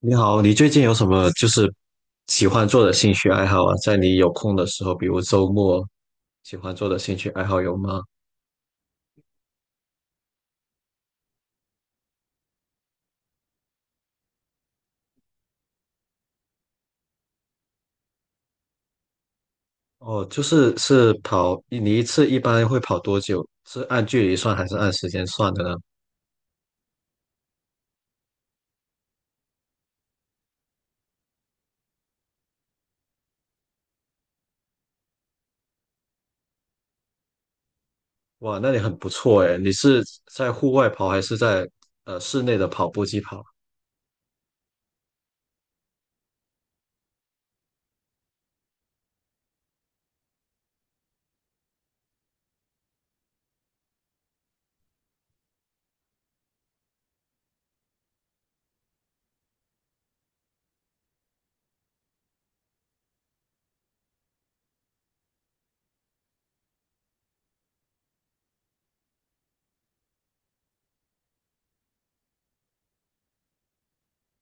你好，你最近有什么就是喜欢做的兴趣爱好啊？在你有空的时候，比如周末，喜欢做的兴趣爱好有吗？哦，就是跑，你一次一般会跑多久？是按距离算还是按时间算的呢？哇，那你很不错诶，你是在户外跑还是在室内的跑步机跑？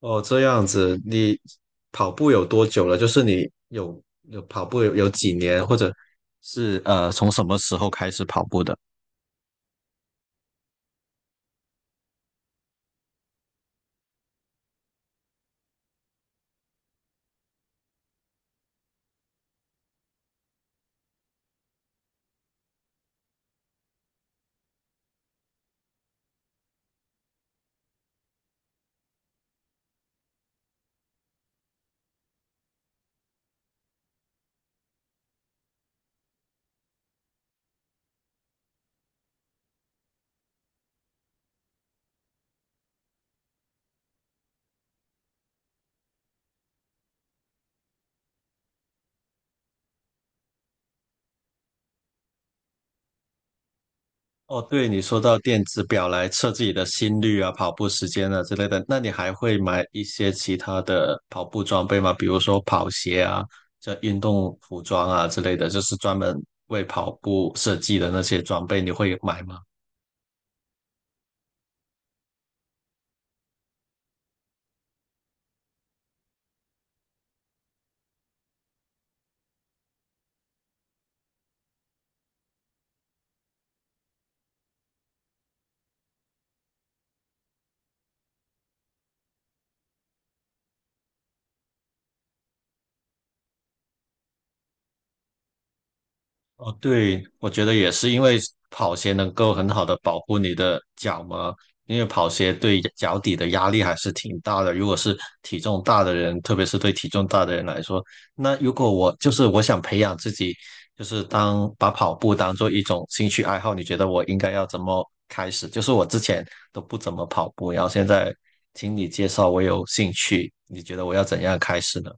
哦，这样子，你跑步有多久了？就是你有跑步有几年，或者是从什么时候开始跑步的？哦，对，你说到电子表来测自己的心率啊、跑步时间啊之类的，那你还会买一些其他的跑步装备吗？比如说跑鞋啊、这运动服装啊之类的，就是专门为跑步设计的那些装备，你会买吗？哦，对，我觉得也是，因为跑鞋能够很好的保护你的脚嘛，因为跑鞋对脚底的压力还是挺大的。如果是体重大的人，特别是对体重大的人来说，那如果我就是我想培养自己，就是当把跑步当做一种兴趣爱好，你觉得我应该要怎么开始？就是我之前都不怎么跑步，然后现在听你介绍，我有兴趣，你觉得我要怎样开始呢？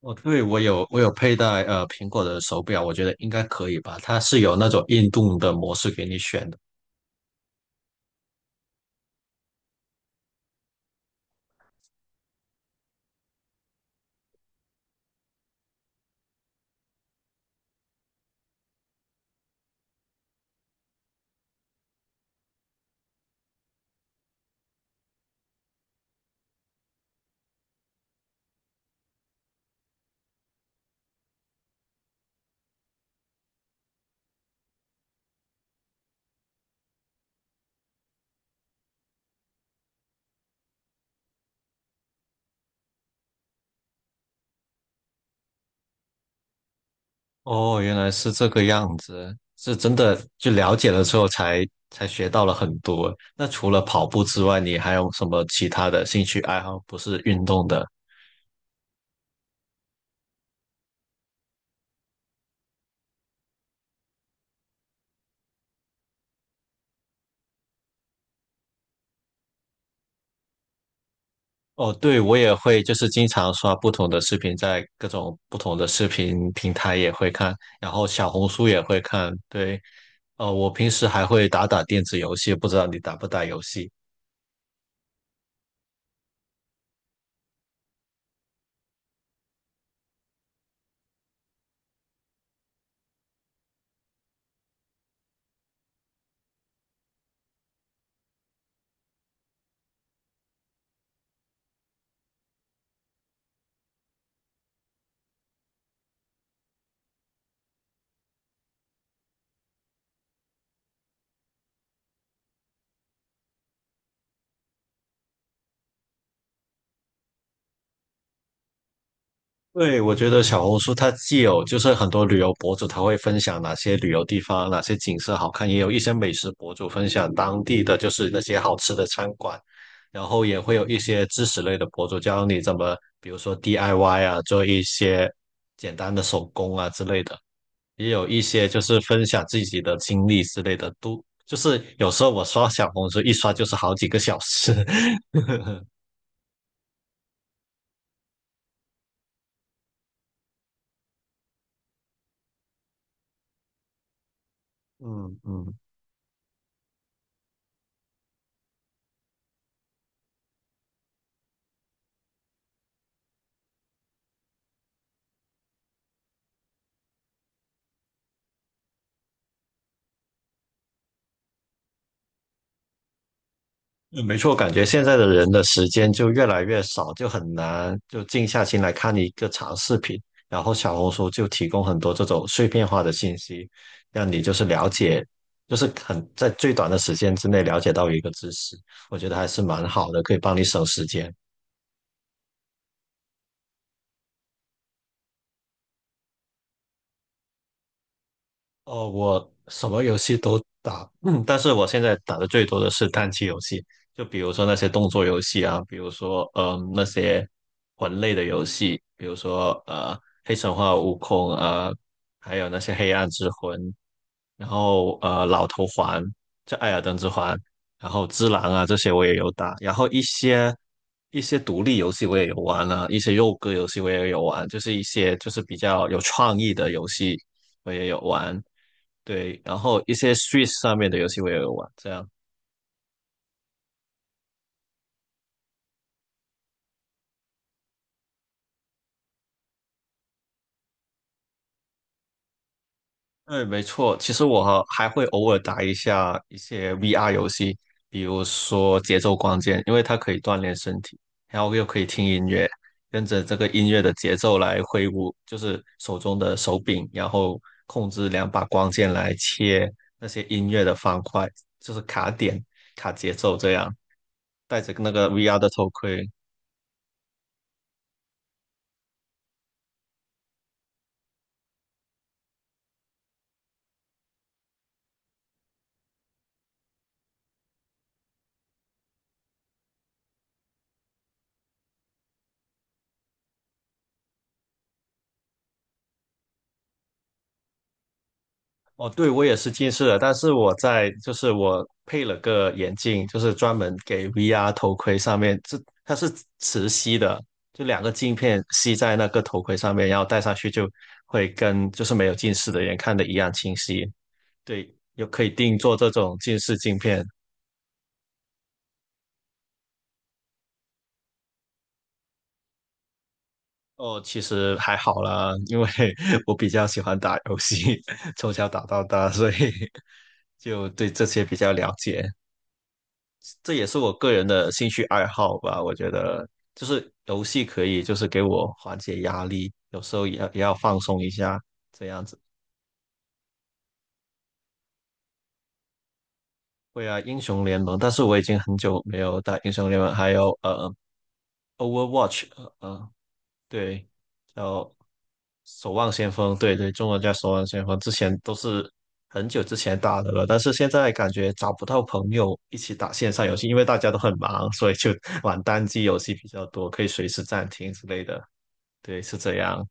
哦，对，我有佩戴苹果的手表，我觉得应该可以吧。它是有那种运动的模式给你选的。哦，原来是这个样子，是真的就了解了之后才学到了很多。那除了跑步之外，你还有什么其他的兴趣爱好？不是运动的？哦，对，我也会，就是经常刷不同的视频，在各种不同的视频平台也会看，然后小红书也会看。对，我平时还会打打电子游戏，不知道你打不打游戏？对，我觉得小红书它既有就是很多旅游博主，他会分享哪些旅游地方、哪些景色好看，也有一些美食博主分享当地的就是那些好吃的餐馆，然后也会有一些知识类的博主教你怎么，比如说 DIY 啊，做一些简单的手工啊之类的，也有一些就是分享自己的经历之类的，都就是有时候我刷小红书一刷就是好几个小时，嗯嗯。嗯没错，感觉现在的人的时间就越来越少，就很难就静下心来看一个长视频。然后小红书就提供很多这种碎片化的信息，让你就是了解，就是很在最短的时间之内了解到一个知识，我觉得还是蛮好的，可以帮你省时间。哦，我什么游戏都打，但是我现在打的最多的是单机游戏，就比如说那些动作游戏啊，比如说那些魂类的游戏，比如说黑神话悟空啊、还有那些黑暗之魂，然后老头环，这艾尔登之环，然后之狼啊这些我也有打，然后一些独立游戏我也有玩啊，一些肉鸽游戏我也有玩，就是一些就是比较有创意的游戏我也有玩。对，然后一些 Switch 上面的游戏我也有玩，这样。对，没错。其实我还会偶尔打一下一些 VR 游戏，比如说节奏光剑，因为它可以锻炼身体，然后又可以听音乐，跟着这个音乐的节奏来挥舞，就是手中的手柄，然后控制两把光剑来切那些音乐的方块，就是卡点、卡节奏这样。戴着那个 VR 的头盔，哦，对，我也是近视的，但是就是我配了个眼镜，就是专门给 VR 头盔上面，它是磁吸的，就两个镜片吸在那个头盔上面，然后戴上去就会跟就是没有近视的人看的一样清晰。对，又可以定做这种近视镜片。哦，其实还好啦，因为 我比较喜欢打游戏，从小打到大，所以 就对这些比较了解。这也是我个人的兴趣爱好吧。我觉得就是游戏可以，就是给我缓解压力，有时候也要放松一下，这样子。会啊，英雄联盟，但是我已经很久没有打英雄联盟，还有Overwatch，对，叫守望先锋，对对，中文叫守望先锋，之前都是很久之前打的了，但是现在感觉找不到朋友一起打线上游戏，因为大家都很忙，所以就 玩单机游戏比较多，可以随时暂停之类的。对，是这样。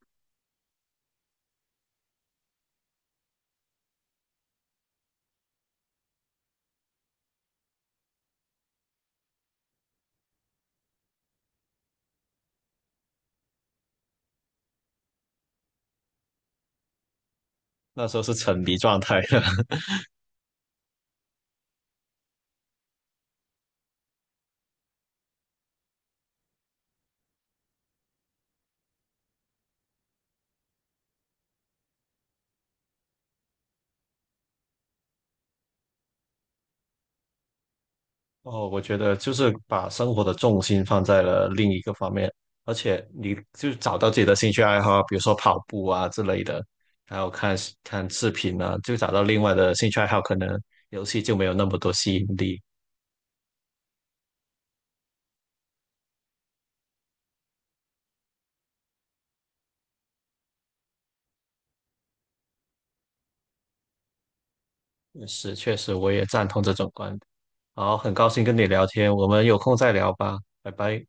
那时候是沉迷状态的。哦，我觉得就是把生活的重心放在了另一个方面，而且你就找到自己的兴趣爱好，比如说跑步啊之类的，还有看看视频啊，就找到另外的兴趣爱好，可能游戏就没有那么多吸引力。是，确实我也赞同这种观点。好，很高兴跟你聊天，我们有空再聊吧，拜拜。